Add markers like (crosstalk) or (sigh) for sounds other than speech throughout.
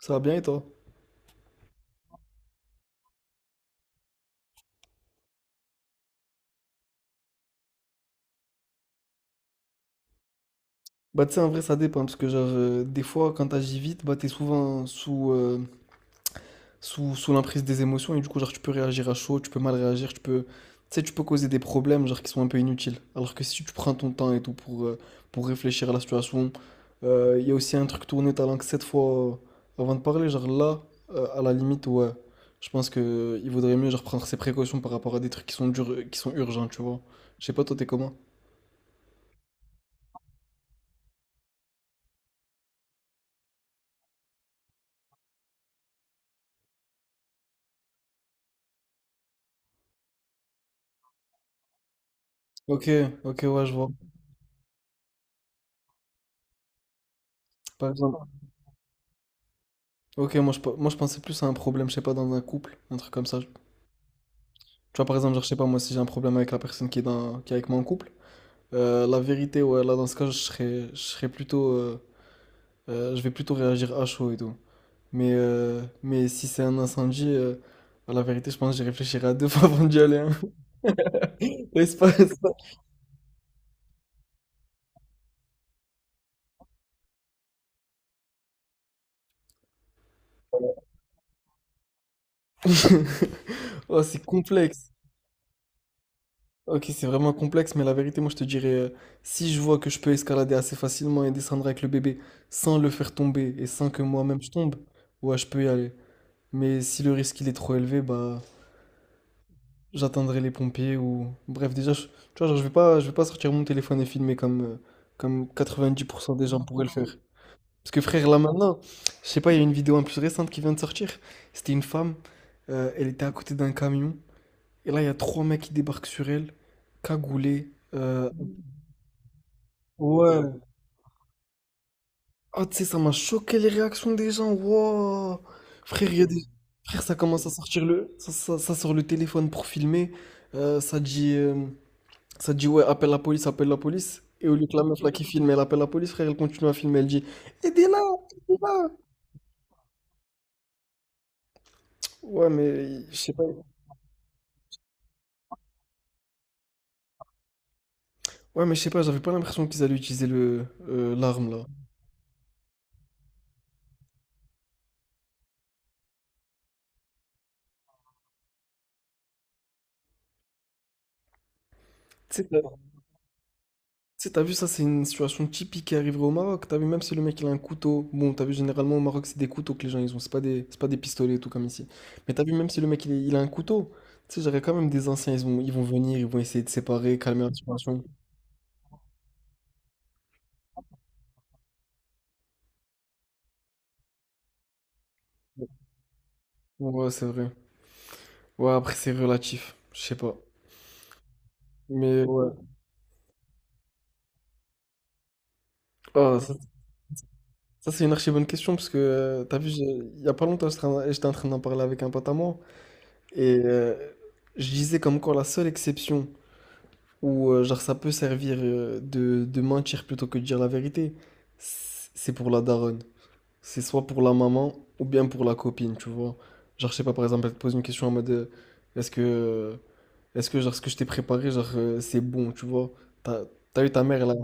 Ça va bien et toi? Bah tu sais en vrai ça dépend parce que genre des fois quand t'agis vite bah t'es souvent sous l'emprise des émotions et du coup genre tu peux réagir à chaud, tu peux mal réagir, tu sais tu peux causer des problèmes genre qui sont un peu inutiles. Alors que si tu prends ton temps et tout pour réfléchir à la situation, il y a aussi un truc tourner ta langue sept fois avant de parler, genre là à la limite ouais. Je pense que il vaudrait mieux genre prendre ses précautions par rapport à des trucs qui sont durs, qui sont urgents, tu vois. Je sais pas toi t'es comment? Ok, ok ouais je vois. Par exemple, ok, moi je pensais plus à un problème, je sais pas, dans un couple, un truc comme ça. Tu vois, par exemple, genre, je sais pas, moi si j'ai un problème avec la personne qui est, dans, qui est avec moi en couple, la vérité, ouais, là dans ce cas, je serais plutôt. Je vais plutôt réagir à chaud et tout. Mais si c'est un incendie, à la vérité, je pense que j'y réfléchirais à deux (laughs) fois avant d'y aller, hein. (laughs) Là, il se passe- (laughs) Oh, c'est complexe. Ok, c'est vraiment complexe, mais la vérité, moi je te dirais, si je vois que je peux escalader assez facilement et descendre avec le bébé sans le faire tomber et sans que moi-même je tombe, ouais, je peux y aller. Mais si le risque il est trop élevé, bah j'attendrai les pompiers ou bref, déjà, tu vois, genre, je vais pas sortir mon téléphone et filmer comme comme 90% des gens pourraient le faire. Parce que frère, là maintenant, je sais pas, il y a une vidéo un plus récente qui vient de sortir. C'était une femme, elle était à côté d'un camion et là il y a trois mecs qui débarquent sur elle, cagoulés. Ouais. Ah, tu sais, ça m'a choqué les réactions des gens. Wow. Frère, il y a des... Frère, ça commence à sortir le... Ça sort le téléphone pour filmer. Euh, ça dit... euh, Ça dit, ouais, appelle la police, appelle la police. Et au lieu que la meuf là qui filme, elle appelle la police, frère, elle continue à filmer, elle dit, aidez-la, aidez-la. Ouais, mais je sais pas. Ouais, mais je sais pas, j'avais pas l'impression qu'ils allaient utiliser le l'arme là. Tu sais, t'as- Tu sais, t'as vu, ça, c'est une situation typique qui arriverait au Maroc. T'as vu, même si le mec, il a un couteau. Bon, t'as vu, généralement, au Maroc, c'est des couteaux que les gens, ils ont. C'est pas des pistolets et tout comme ici. Mais t'as vu, même si le mec, il a un couteau. Tu sais, j'aurais quand même des anciens, ils vont venir, ils vont essayer de séparer, calmer la situation. Ouais, c'est vrai. Ouais, après, c'est relatif. Je sais pas. Mais ouais. Ah, c'est une archi bonne question, parce que, t'as vu, il y a pas longtemps, j'étais en train d'en parler avec un pote à moi. Et je disais comme quoi la seule exception. Ou genre ça peut servir de, mentir plutôt que de dire la vérité. C'est pour la daronne. C'est soit pour la maman ou bien pour la copine, tu vois. Genre je sais pas, par exemple, elle te pose une question en mode est-ce que genre ce que je t'ai préparé, genre c'est bon, tu vois. T'as, t'as eu ta mère,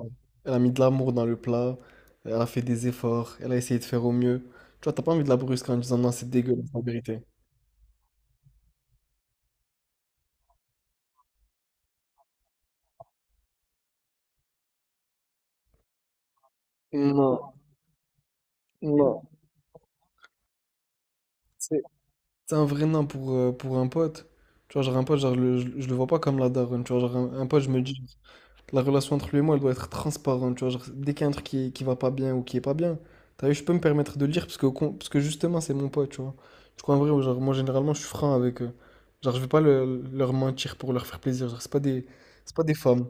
elle a mis de l'amour dans le plat, elle a fait des efforts, elle a essayé de faire au mieux. Tu vois, t'as pas envie de la brusquer en disant non, c'est dégueulasse la vérité. Non, non. C'est C'est un vrai nain pour un pote. Tu vois, genre un pote, genre, je le vois pas comme la daronne. Tu vois, genre un pote, je me dis, la relation entre lui et moi, elle doit être transparente. Tu vois, genre, dès qu'il y a un truc qui va pas bien ou qui est pas bien, t'as vu, je peux me permettre de le dire parce que, parce que justement, c'est mon pote, tu vois. Du coup, en vrai, genre, moi, généralement, je suis franc avec eux. Genre, je vais pas leur mentir pour leur faire plaisir. Genre, c'est pas des femmes.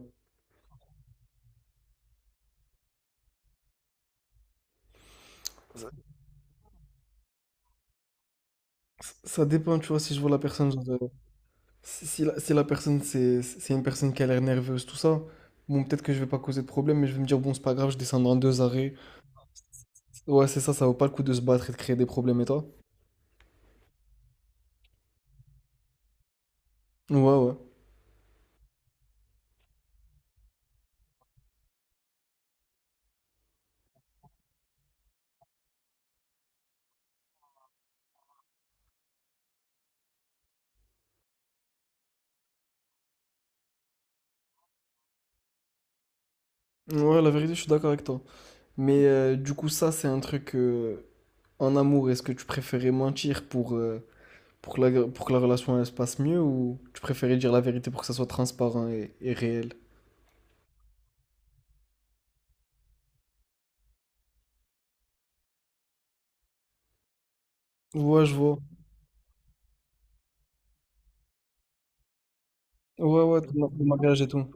Ça, ça dépend, tu vois, si je vois la personne, genre, si la personne, c'est une personne qui a l'air nerveuse, tout ça, bon, peut-être que je vais pas causer de problème, mais je vais me dire, bon, c'est pas grave, je descends dans deux arrêts. Ouais, c'est ça, ça vaut pas le coup de se battre et de créer des problèmes, et toi? Ouais, ouais. Ouais, la vérité, je suis d'accord avec toi. Mais du coup, ça, c'est un truc en amour. Est-ce que tu préférais mentir pour que la, relation elle se passe mieux ou tu préférais dire la vérité pour que ça soit transparent et réel? Ouais, je vois. Ouais, ouais, le mariage et tout.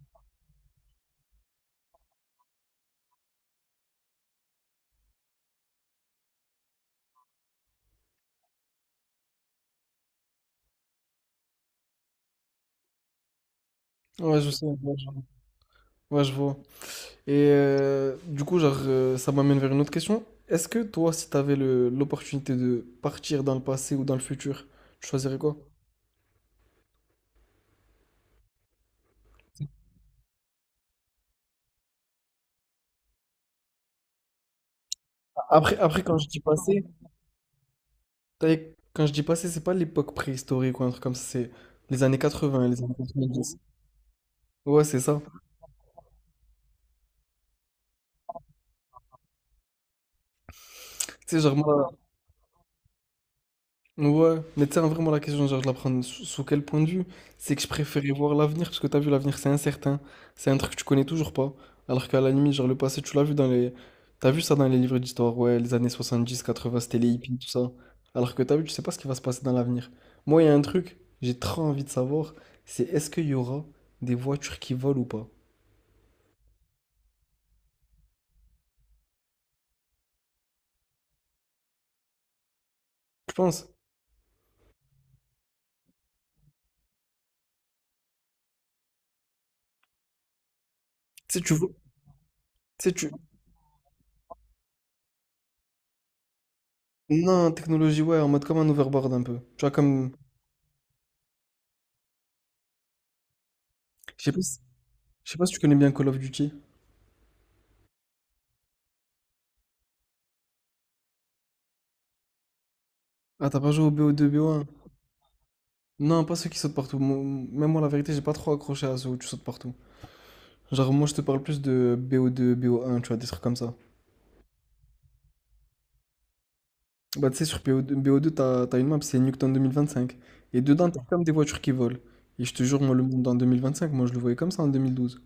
Ouais, je sais. Ouais, je vois. Et du coup, genre, ça m'amène vers une autre question. Est-ce que toi, si tu avais l'opportunité de partir dans le passé ou dans le futur, tu choisirais quoi? Après, quand je dis passé, t'as- c'est pas l'époque préhistorique ou un truc comme ça, c'est les années 80, les années 90. Ouais, c'est ça. Tu sais, genre, moi. Ouais, mais tu sais, hein, vraiment, la question, genre, je la prends sous quel point de vue? C'est que je préférais voir l'avenir, parce que t'as vu, l'avenir, c'est incertain. C'est un truc que tu connais toujours pas. Alors qu'à la limite, genre, le passé, tu l'as vu dans les. T'as vu ça dans les livres d'histoire, ouais, les années 70, 80, c'était les hippies, tout ça. Alors que t'as vu, tu sais pas ce qui va se passer dans l'avenir. Moi, il y a un truc, j'ai trop envie de savoir, c'est est-ce qu'il y aura des voitures qui volent ou pas? Je pense. Tu sais, tu vois. Tu sais, tu. Non, technologie, ouais, en mode comme un overboard un peu. Tu vois, comme. Je sais pas si je sais pas si tu connais bien Call of Duty. Ah, t'as pas joué au BO2, BO1? Non, pas ceux qui sautent partout. Même moi, la vérité, j'ai pas trop accroché à ceux où tu sautes partout. Genre, moi, je te parle plus de BO2, BO1, tu vois, des trucs comme ça. Bah, tu sais, sur BO2, t'as une map, c'est Nuketown 2025. Et dedans, t'as comme des voitures qui volent. Et je te jure, moi, le monde en 2025, moi, je le voyais comme ça en 2012.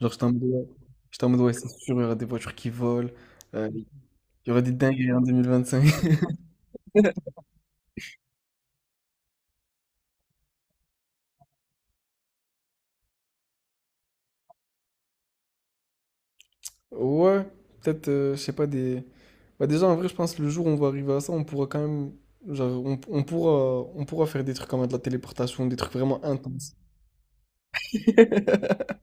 Genre, j'étais en mode, ouais, j'étais en mode, ouais, c'est sûr, il y aura des voitures qui volent. euh, il y aura des dingueries en 2025. (laughs) Ouais, peut-être, je sais pas, des... Bah déjà, en vrai, je pense que le jour où on va arriver à ça, on pourra quand même... Genre, on pourra faire des trucs comme de la téléportation, des trucs vraiment intenses. (laughs)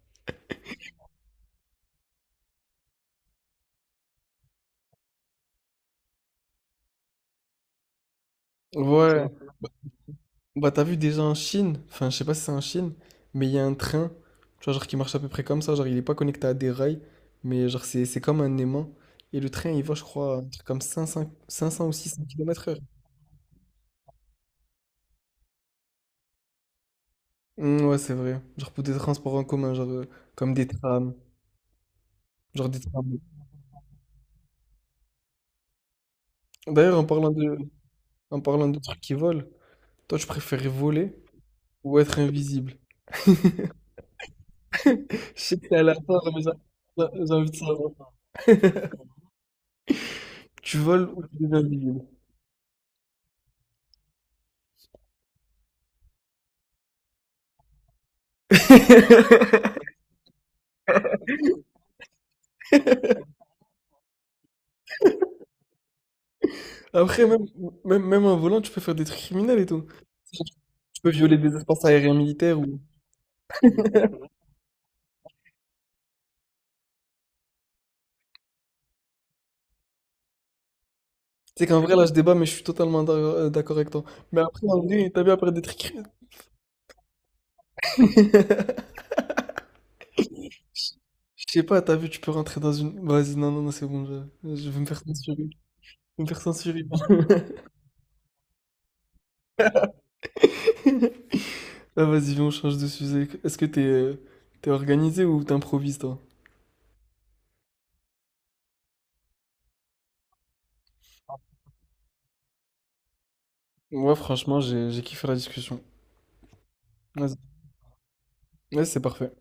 Ouais. Bah t'as vu déjà en Chine, enfin je sais pas si c'est en Chine, mais il y a un train, tu vois, genre qui marche à peu près comme ça, genre il est pas connecté à des rails, mais genre c'est comme un aimant. Et le train, il va, je crois, un truc comme 500 ou 600 km/h. Mm, ouais, c'est vrai. Genre pour des transports en commun, genre comme des trams. Genre des trams. D'ailleurs, en parlant de, trucs qui volent, toi, tu préférais voler ou être invisible? Je sais que t'es à la fin, mais j'ai envie de savoir. (laughs) Tu voles ou tu deviens invisible? (laughs) Après, même en volant, tu peux faire des trucs criminels et tout. Tu peux violer des espaces aériens militaires ou... Tu sais qu'en vrai, là, je débat, mais je suis totalement d'accord avec toi. Mais après, en vrai, t'as vu, après des trucs... criminels, je sais pas, t'as vu, tu peux rentrer dans une... Vas-y, non, non, non, c'est bon, je vais me faire censurer. Je vais me faire censurer. (laughs) Ah, vas-y, viens, on change de sujet. Est-ce que t'es organisé ou t'improvises, toi? Moi, franchement, j'ai kiffé la discussion. Vas-y. Ouais, c'est parfait.